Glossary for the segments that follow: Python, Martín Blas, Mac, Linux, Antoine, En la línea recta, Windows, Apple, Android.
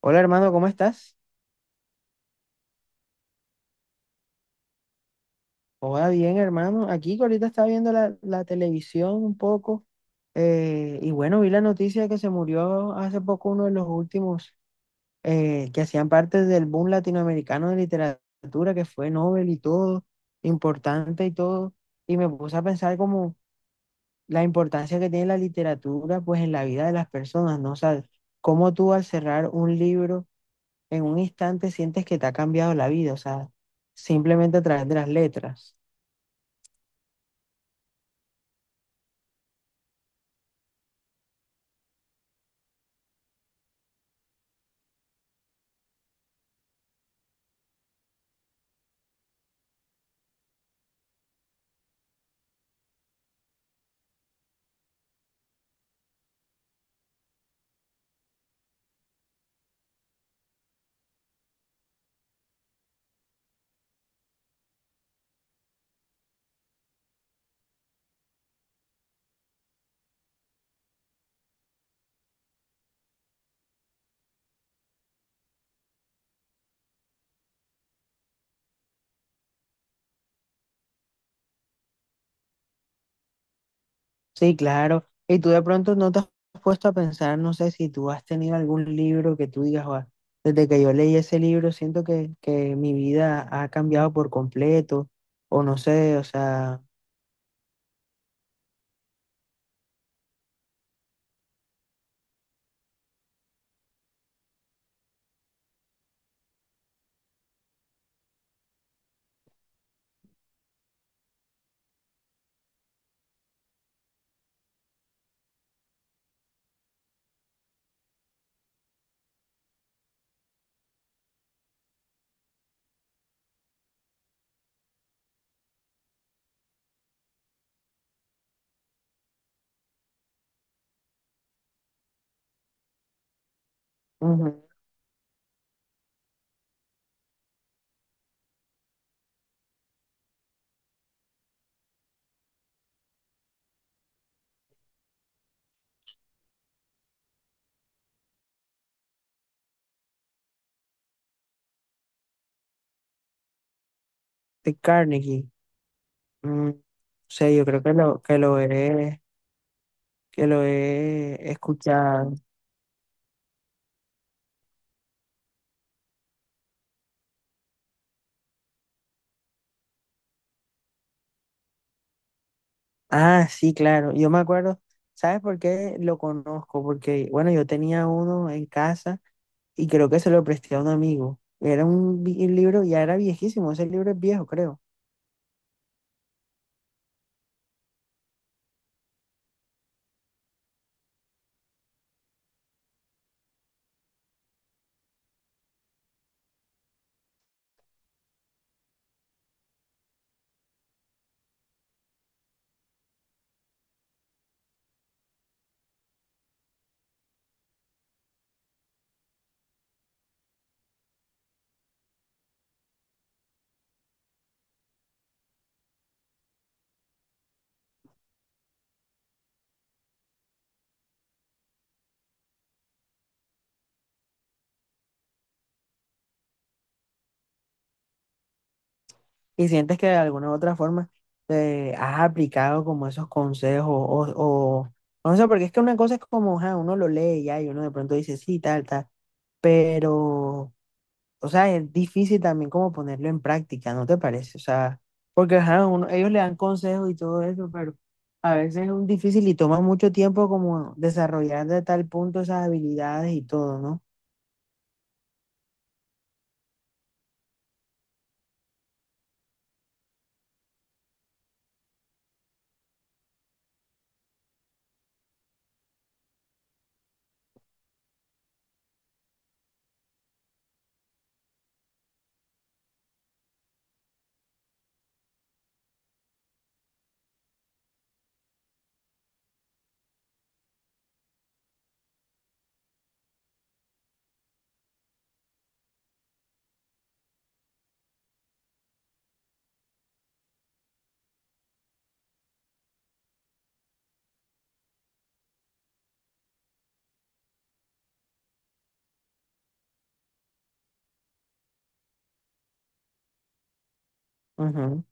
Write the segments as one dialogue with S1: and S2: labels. S1: Hola hermano, ¿cómo estás? Hola, bien hermano. Aquí que ahorita estaba viendo la televisión un poco, y bueno, vi la noticia de que se murió hace poco uno de los últimos que hacían parte del boom latinoamericano de literatura, que fue Nobel y todo, importante y todo. Y me puse a pensar como la importancia que tiene la literatura pues en la vida de las personas, ¿no? O sea, cómo tú al cerrar un libro en un instante sientes que te ha cambiado la vida, o sea, simplemente a través de las letras. Sí, claro. Y tú de pronto no te has puesto a pensar, no sé si tú has tenido algún libro que tú digas, "Guau, desde que yo leí ese libro, siento que mi vida ha cambiado por completo, o no sé, o sea, ujú, de Carnegie. O sea, yo creo que lo he escuchado. Ah, sí, claro. Yo me acuerdo, ¿sabes por qué lo conozco? Porque, bueno, yo tenía uno en casa. Y creo que se lo presté a un amigo. Era un libro, ya era viejísimo, ese libro es viejo, creo. Y sientes que de alguna u otra forma, has aplicado como esos consejos o no sé, porque es que una cosa es como, ajá, uno lo lee ya y uno de pronto dice, sí, tal, tal, pero, o sea, es difícil también como ponerlo en práctica, ¿no te parece? O sea, porque ajá, ellos le dan consejos y todo eso, pero a veces es un difícil y toma mucho tiempo como desarrollar de tal punto esas habilidades y todo, ¿no? Ujú.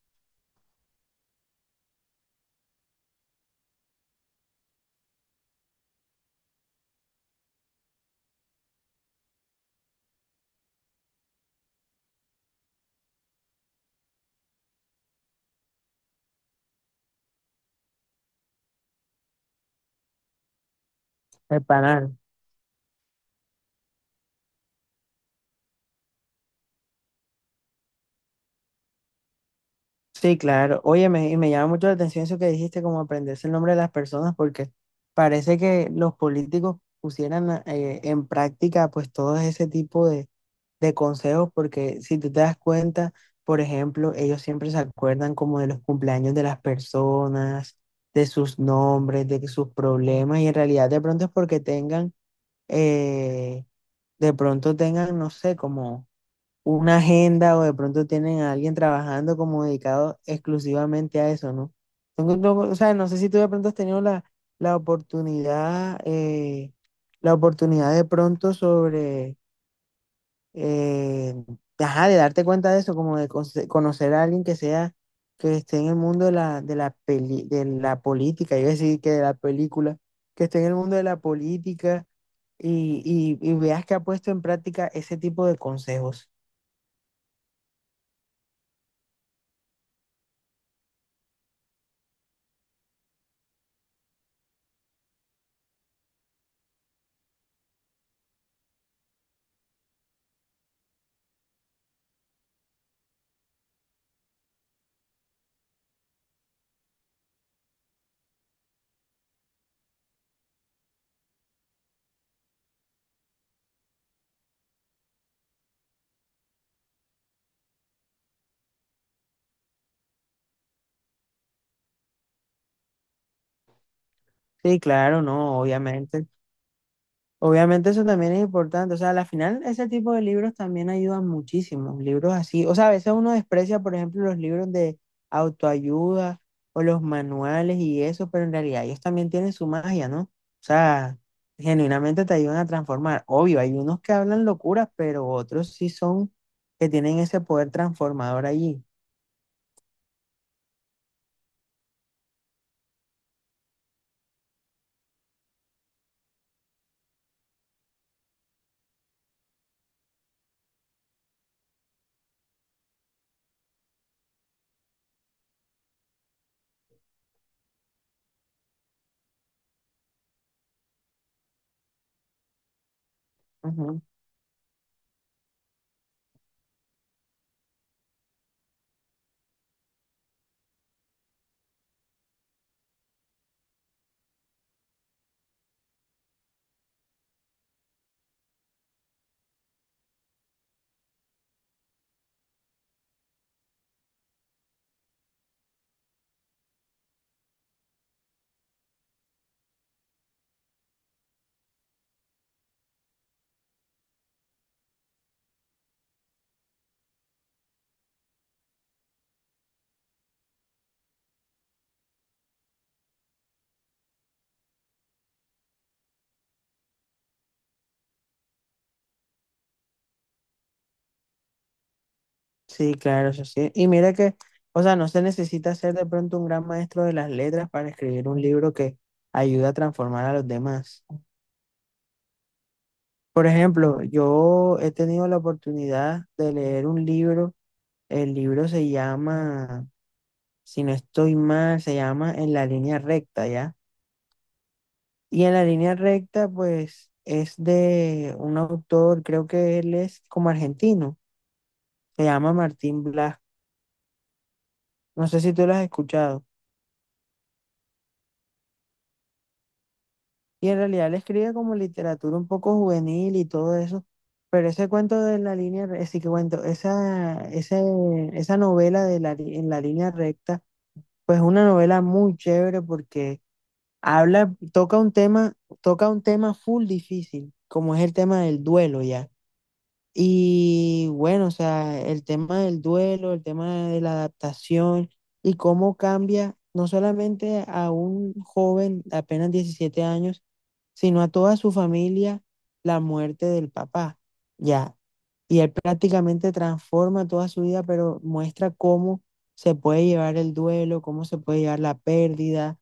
S1: El panal. Sí, claro. Oye, y me llama mucho la atención eso que dijiste, como aprenderse el nombre de las personas, porque parece que los políticos pusieran en práctica pues todo ese tipo de consejos, porque si tú te das cuenta, por ejemplo, ellos siempre se acuerdan como de los cumpleaños de las personas, de sus nombres, de sus problemas, y en realidad de pronto es porque eh, de pronto tengan, no sé, como una agenda o de pronto tienen a alguien trabajando como dedicado exclusivamente a eso, ¿no? No, o sea, no sé si tú de pronto has tenido la oportunidad, la oportunidad de pronto sobre, eh, ajá, de darte cuenta de eso, como de conocer a alguien que sea, que esté en el mundo de la, de la política, yo decir que de la película, que esté en el mundo de la política y veas que ha puesto en práctica ese tipo de consejos. Sí, claro, no, obviamente. Obviamente eso también es importante. O sea, al final ese tipo de libros también ayudan muchísimo. Libros así. O sea, a veces uno desprecia, por ejemplo, los libros de autoayuda o los manuales y eso, pero en realidad ellos también tienen su magia, ¿no? O sea, genuinamente te ayudan a transformar. Obvio, hay unos que hablan locuras, pero otros sí son que tienen ese poder transformador allí. Sí, claro, eso sí. Y mira que, o sea, no se necesita ser de pronto un gran maestro de las letras para escribir un libro que ayuda a transformar a los demás. Por ejemplo, yo he tenido la oportunidad de leer un libro. El libro se llama, si no estoy mal, se llama En la línea recta, ¿ya? Y en la línea recta, pues, es de un autor, creo que él es como argentino, se llama Martín Blas. No sé si tú lo has escuchado. Y en realidad él escribe como literatura un poco juvenil y todo eso. Pero ese que cuento, esa, ese- esa novela de en la línea recta, pues es una novela muy chévere porque habla, toca un tema full difícil, como es el tema del duelo ya. Y bueno, o sea, el tema del duelo, el tema de la adaptación y cómo cambia no solamente a un joven de apenas 17 años, sino a toda su familia la muerte del papá, ya. Y él prácticamente transforma toda su vida, pero muestra cómo se puede llevar el duelo, cómo se puede llevar la pérdida,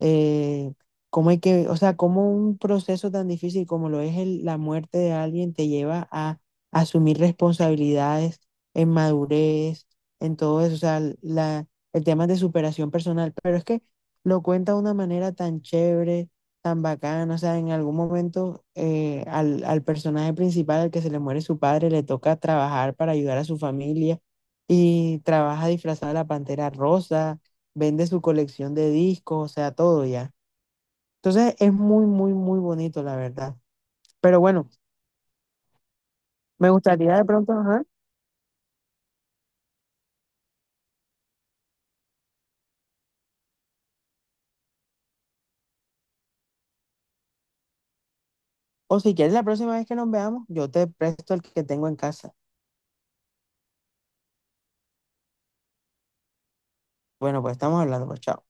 S1: eh, cómo hay que, o sea, cómo un proceso tan difícil como lo es la muerte de alguien te lleva a asumir responsabilidades en madurez, en todo eso, o sea, la, el tema de superación personal, pero es que lo cuenta de una manera tan chévere, tan bacana. O sea, en algún momento, al, al personaje principal, al que se le muere su padre, le toca trabajar para ayudar a su familia y trabaja disfrazada de la pantera rosa, vende su colección de discos, o sea, todo ya. Entonces es muy, muy, muy bonito, la verdad. Pero bueno, me gustaría de pronto, ajá, o si quieres la próxima vez que nos veamos, yo te presto el que tengo en casa. Bueno, pues estamos hablando, pues chao.